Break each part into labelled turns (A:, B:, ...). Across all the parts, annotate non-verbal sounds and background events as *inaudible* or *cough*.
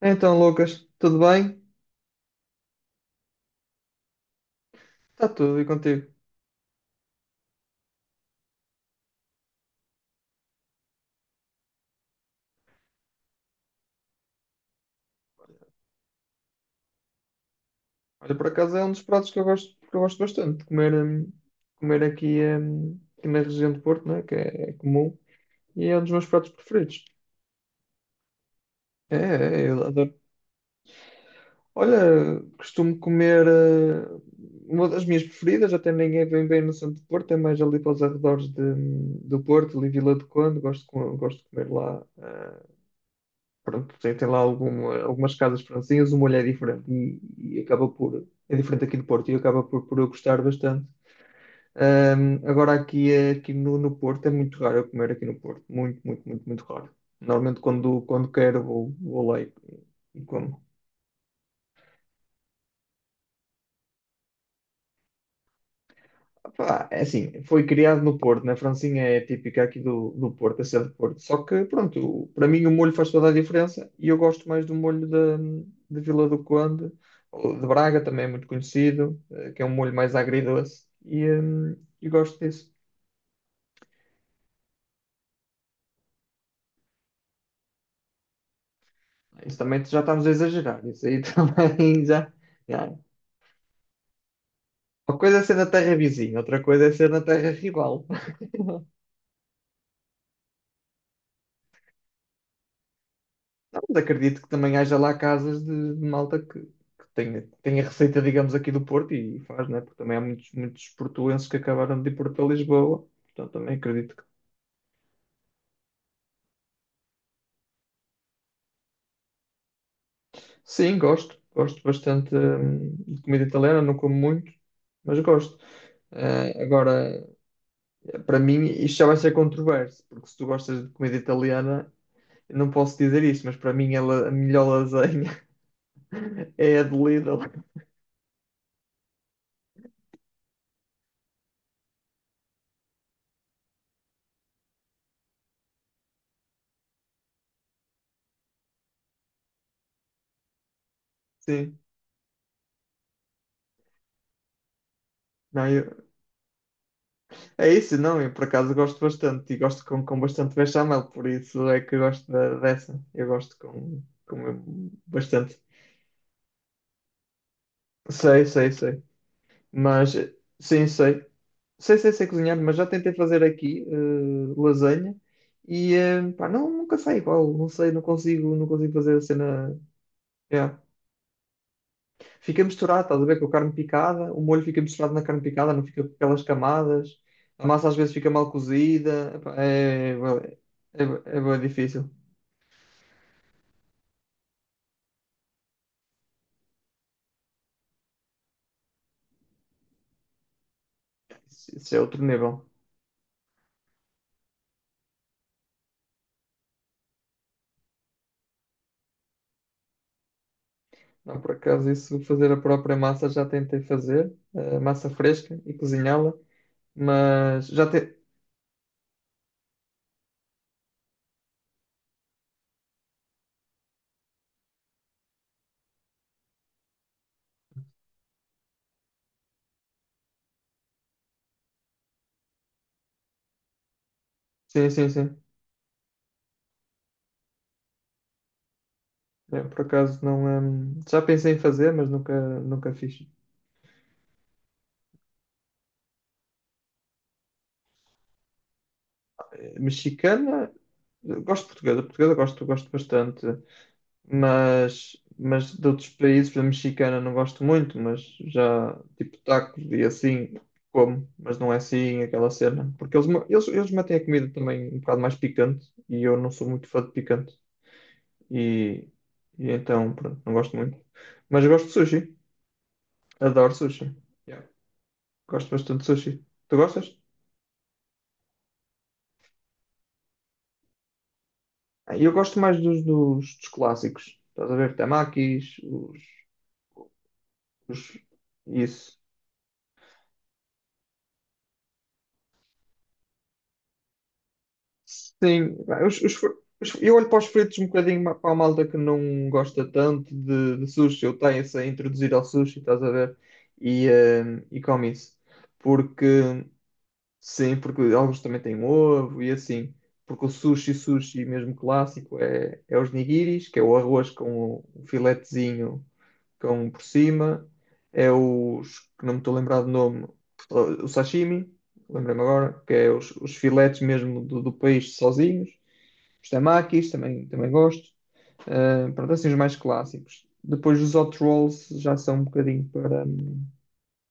A: Então, Lucas, tudo bem? Está tudo e contigo? Olha, por acaso é um dos pratos que eu gosto bastante de comer, comer aqui na região do Porto, né? Que é comum, e é um dos meus pratos preferidos. É, é, eu adoro. Olha, costumo comer, uma das minhas preferidas, até nem é bem bem no centro do Porto, é mais ali para os arredores do Porto, ali Vila do Conde, gosto, gosto de comer lá, pronto, tem lá algumas casas francesinhas, o molho é diferente e acaba por, é diferente aqui do Porto e acaba por eu gostar bastante. Agora aqui, aqui no Porto é muito raro eu comer aqui no Porto, muito, muito, muito, muito raro. Normalmente quando quero vou lá e como. Pá, é assim, foi criado no Porto, né? A Francinha é típica aqui do Porto, é ser do Porto. Só que, pronto, para mim o molho faz toda a diferença e eu gosto mais do molho de Vila do Conde, ou de Braga também é muito conhecido, que é um molho mais agridoce e gosto disso. Isso também já estamos a exagerar, isso aí *laughs* também já, já. Uma coisa é ser na terra vizinha, outra coisa é ser na terra rival. Não, mas acredito que também haja lá casas de malta que tenha receita, digamos, aqui do Porto e faz, né? Porque também há muitos, muitos portuenses que acabaram de ir para Lisboa. Portanto, também acredito que. Sim, gosto. Gosto bastante de comida italiana, não como muito, mas gosto. Agora, para mim, isto já vai ser controverso, porque se tu gostas de comida italiana, eu não posso dizer isto, mas para mim a melhor lasanha *laughs* é a de Lidl. Sim. Não, eu, é isso, não, eu por acaso gosto bastante e gosto com bastante bechamel, por isso é que eu gosto dessa. Eu gosto com bastante. Sei, sei, sei. Mas sim, sei. Sei, sei, sei cozinhar, mas já tentei fazer aqui lasanha e pá, não, nunca sai igual, não sei, não consigo fazer a cena. Yeah. Fica misturado, estás a ver, com a carne picada, o molho fica misturado na carne picada, não fica com aquelas camadas, a massa às vezes fica mal cozida, epá, é bué difícil. Isso é outro nível. Não, por acaso, isso de fazer a própria massa já tentei fazer, massa fresca e cozinhá-la, mas já te... Sim, sim, sim. É, por acaso não. Já pensei em fazer, mas nunca, nunca fiz. Mexicana, gosto de portuguesa, portuguesa gosto, gosto bastante. Mas de outros países, por exemplo, mexicana não gosto muito, mas já tipo tacos e assim como, mas não é assim aquela cena. Porque eles metem a comida também um bocado mais picante e eu não sou muito fã de picante. E, e então, pronto, não gosto muito. Mas eu gosto de sushi, adoro sushi. Yeah. Gosto bastante de sushi. Tu gostas? Ah, eu gosto mais dos clássicos. Estás a ver? Tamakis, os, isso. Sim, pá, eu olho para os fritos um bocadinho para a malta que não gosta tanto de sushi, eu tenho-se a introduzir ao sushi, estás a ver? E come isso. Porque Sim, porque alguns também têm ovo e assim. Porque o sushi, sushi mesmo clássico, é os nigiris, que é o arroz com o filetezinho com por cima. É os, que não me estou a lembrar do nome, o sashimi, lembrei-me agora, que é os filetes mesmo do peixe sozinhos. Os temakis, também gosto. Ah, pronto, assim os mais clássicos. Depois os hot rolls já são um bocadinho para, hum,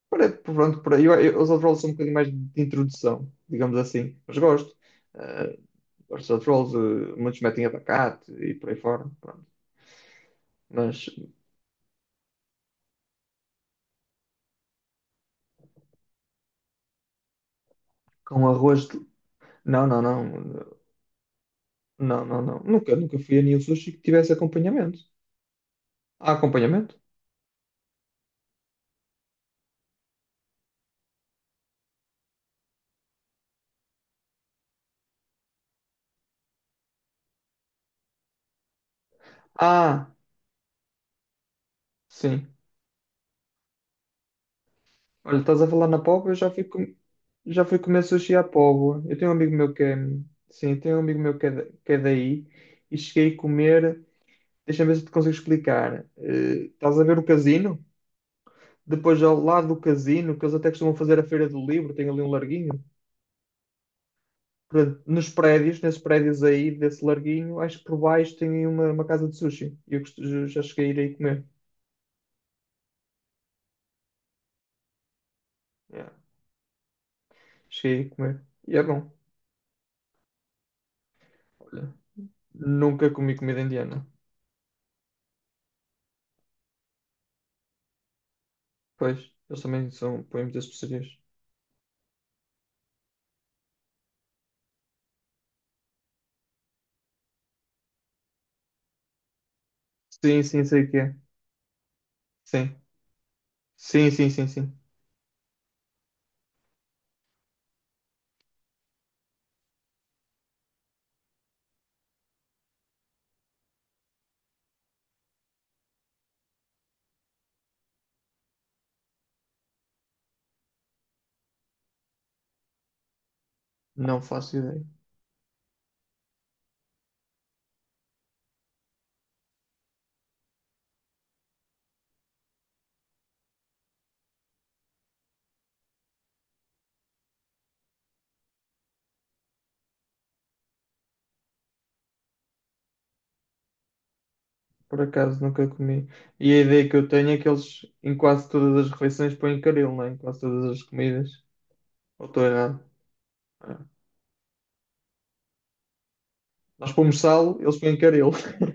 A: para- pronto, por aí. Os outros são um bocadinho mais de introdução, digamos assim. Mas gosto. Eh, Gosto de outros muitos metem abacate e por aí fora. Pronto. Mas com arroz. Não, não, não. Não, não, não. Nunca, nunca fui a nenhum sushi que tivesse acompanhamento. Há acompanhamento? Ah, sim. Olha, estás a falar na Póvoa, eu já fui, com... já fui comer sushi à Póvoa. Eu tenho um amigo meu que é. Sim, tenho um amigo meu que é daí e cheguei a comer. Deixa-me ver se te consigo explicar. Estás a ver o casino? Depois, ao lado do casino, que eles até costumam fazer a Feira do Livro, tem ali um larguinho. Portanto, nos prédios, nesses prédios aí, desse larguinho, acho que por baixo tem aí uma casa de sushi. E eu já cheguei a ir aí comer. Yeah. Cheguei a ir comer. E é bom. Olha, nunca comi comida indiana. Pois, eles também são, põem muitas especiarias. Sim, sim, sei o que é. Sim. Sim, sim, sim, sim. Não faço ideia. Por acaso nunca comi. E a ideia que eu tenho é que eles em quase todas as refeições põem caril, não é? Em quase todas as comidas. Ou estou errado? É. Nós pomos sal, eles põem caril. *laughs*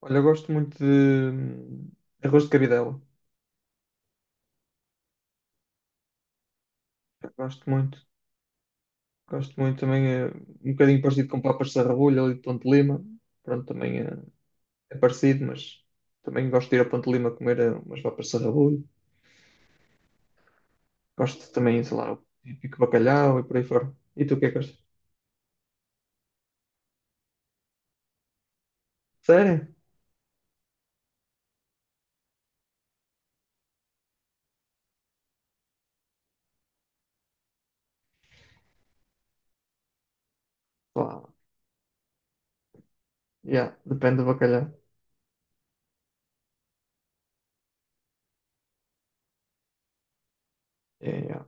A: Olha, eu gosto muito de arroz de cabidela. Eu gosto muito. Gosto muito também. É um bocadinho parecido com papas de sarrabulho ali de Ponte de Lima. Pronto, também é parecido, mas também gosto de ir a Ponte de Lima comer umas papas de sarrabulho. Gosto também, sei lá, o típico bacalhau e por aí fora. E tu o que é que gostas? Sério? Pá, yeah, depende do bacalhau. Yeah, yeah.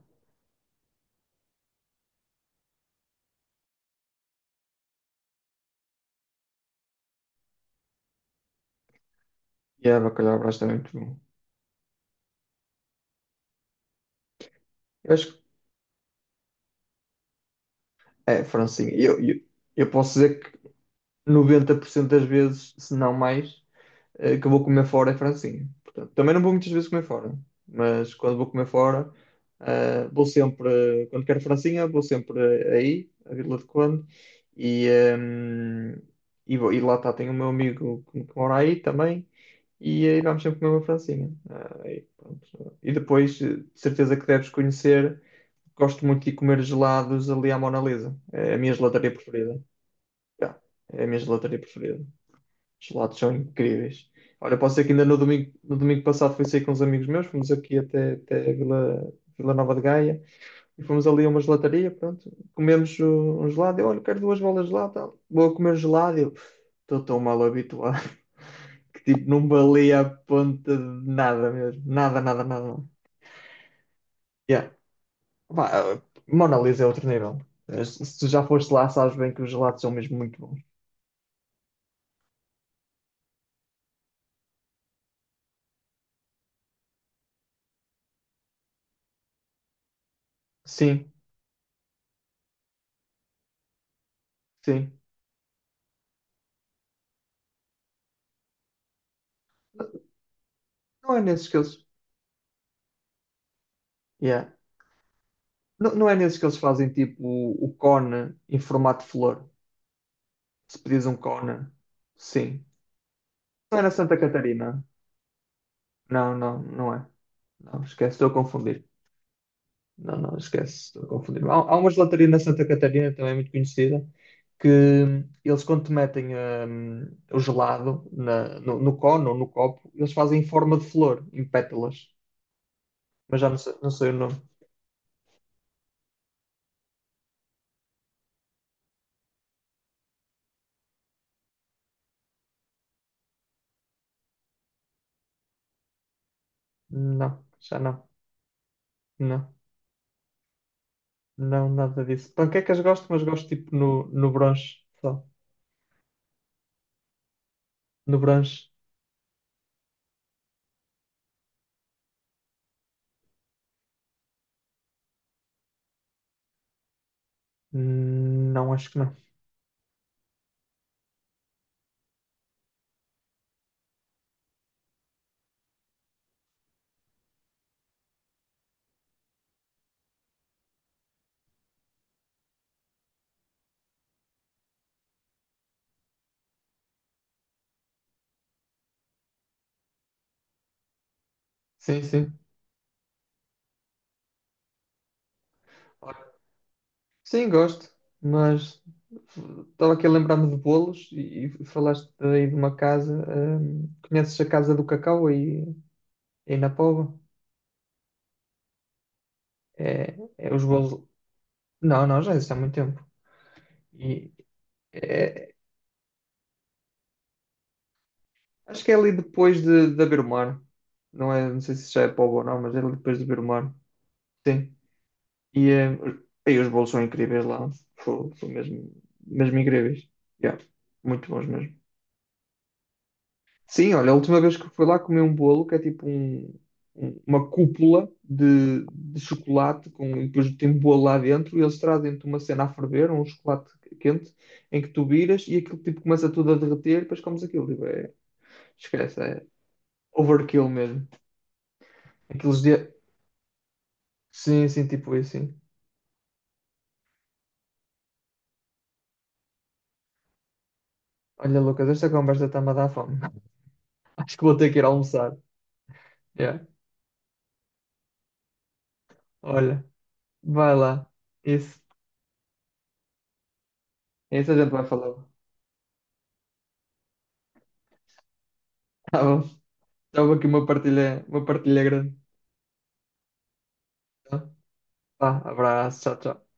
A: Yeah, bacalhau Brás também é muito bom. Eu acho que é, Francinha. Eu posso dizer que 90% das vezes, se não mais. Que eu vou comer fora é francesinha. Portanto, também não vou muitas vezes comer fora, mas quando vou comer fora, vou sempre, quando quero francesinha, vou sempre aí, a Vila de Conde, e, ehm, e lá está, tenho o meu amigo que mora aí também, e aí vamos sempre comer uma francesinha. Ah, aí, pronto. E depois, de certeza que deves conhecer, gosto muito de comer gelados ali à Mona Lisa, é a minha gelataria preferida. Já, é a minha gelataria preferida. Os lados são incríveis. Olha, posso dizer que ainda no domingo, no domingo passado fui sair com uns amigos meus, fomos aqui até Vila Nova de Gaia e fomos ali a uma gelataria, pronto, comemos um gelado, eu, olha, quero duas bolas de gelado, tal. Vou comer gelado, eu estou tão mal habituado *laughs* que tipo, não valia a ponta de nada mesmo, nada, nada, nada. Yeah. Pá, Mona Lisa é outro nível. Se tu já foste lá, sabes bem que os gelados são mesmo muito bons. Sim, sim. Não é nesses que eles... Yeah. Não, não é nesses que eles fazem tipo o cone em formato de flor. Se pedires um cone, sim. Não era Santa Catarina? Não, não, não é. Não, esquece, estou a confundir. Não, não, esquece, estou a confundir. Há uma gelataria na Santa Catarina, também é muito conhecida, que eles quando te metem o gelado no cone ou no copo, eles fazem em forma de flor, em pétalas. Mas já não sei, não sei o nome. Não, já não. Não. Não, nada disso. Panquecas gosto, mas gosto tipo no brunch só. No brunch, não acho que não. Sim, sim. Sim, gosto, mas estava aqui a lembrar-me de bolos e falaste aí de uma casa. Conheces a Casa do Cacau aí na Póvoa? É, é os bolos. Não, não, já existe há muito tempo. E é- acho que é ali depois de haver mar. Não é, não sei se já é Póvoa ou não, mas é ali depois de haver mar. Sim. E, eh, e os bolos são incríveis lá. São mesmo, mesmo incríveis. Yeah, muito bons mesmo. Sim, olha, a última vez que fui lá comi um bolo que é tipo uma cúpula de chocolate com, e depois tem bolo lá dentro e eles trazem-te uma cena a ferver, um chocolate quente, em que tu viras e aquilo tipo começa tudo a derreter e depois comes aquilo. Tipo, é, esquece, é overkill mesmo. Aqueles dias. Sim, sim, tipo isso, sim. Olha, Lucas, esta conversa está-me a dar fome. *laughs* Acho que vou ter que ir almoçar. Yeah. Olha, vai lá. Isso. Isso a gente vai falar. Tá bom. Estava aqui uma partilha grande. Tá? Vá, abraço, tchau, tchau.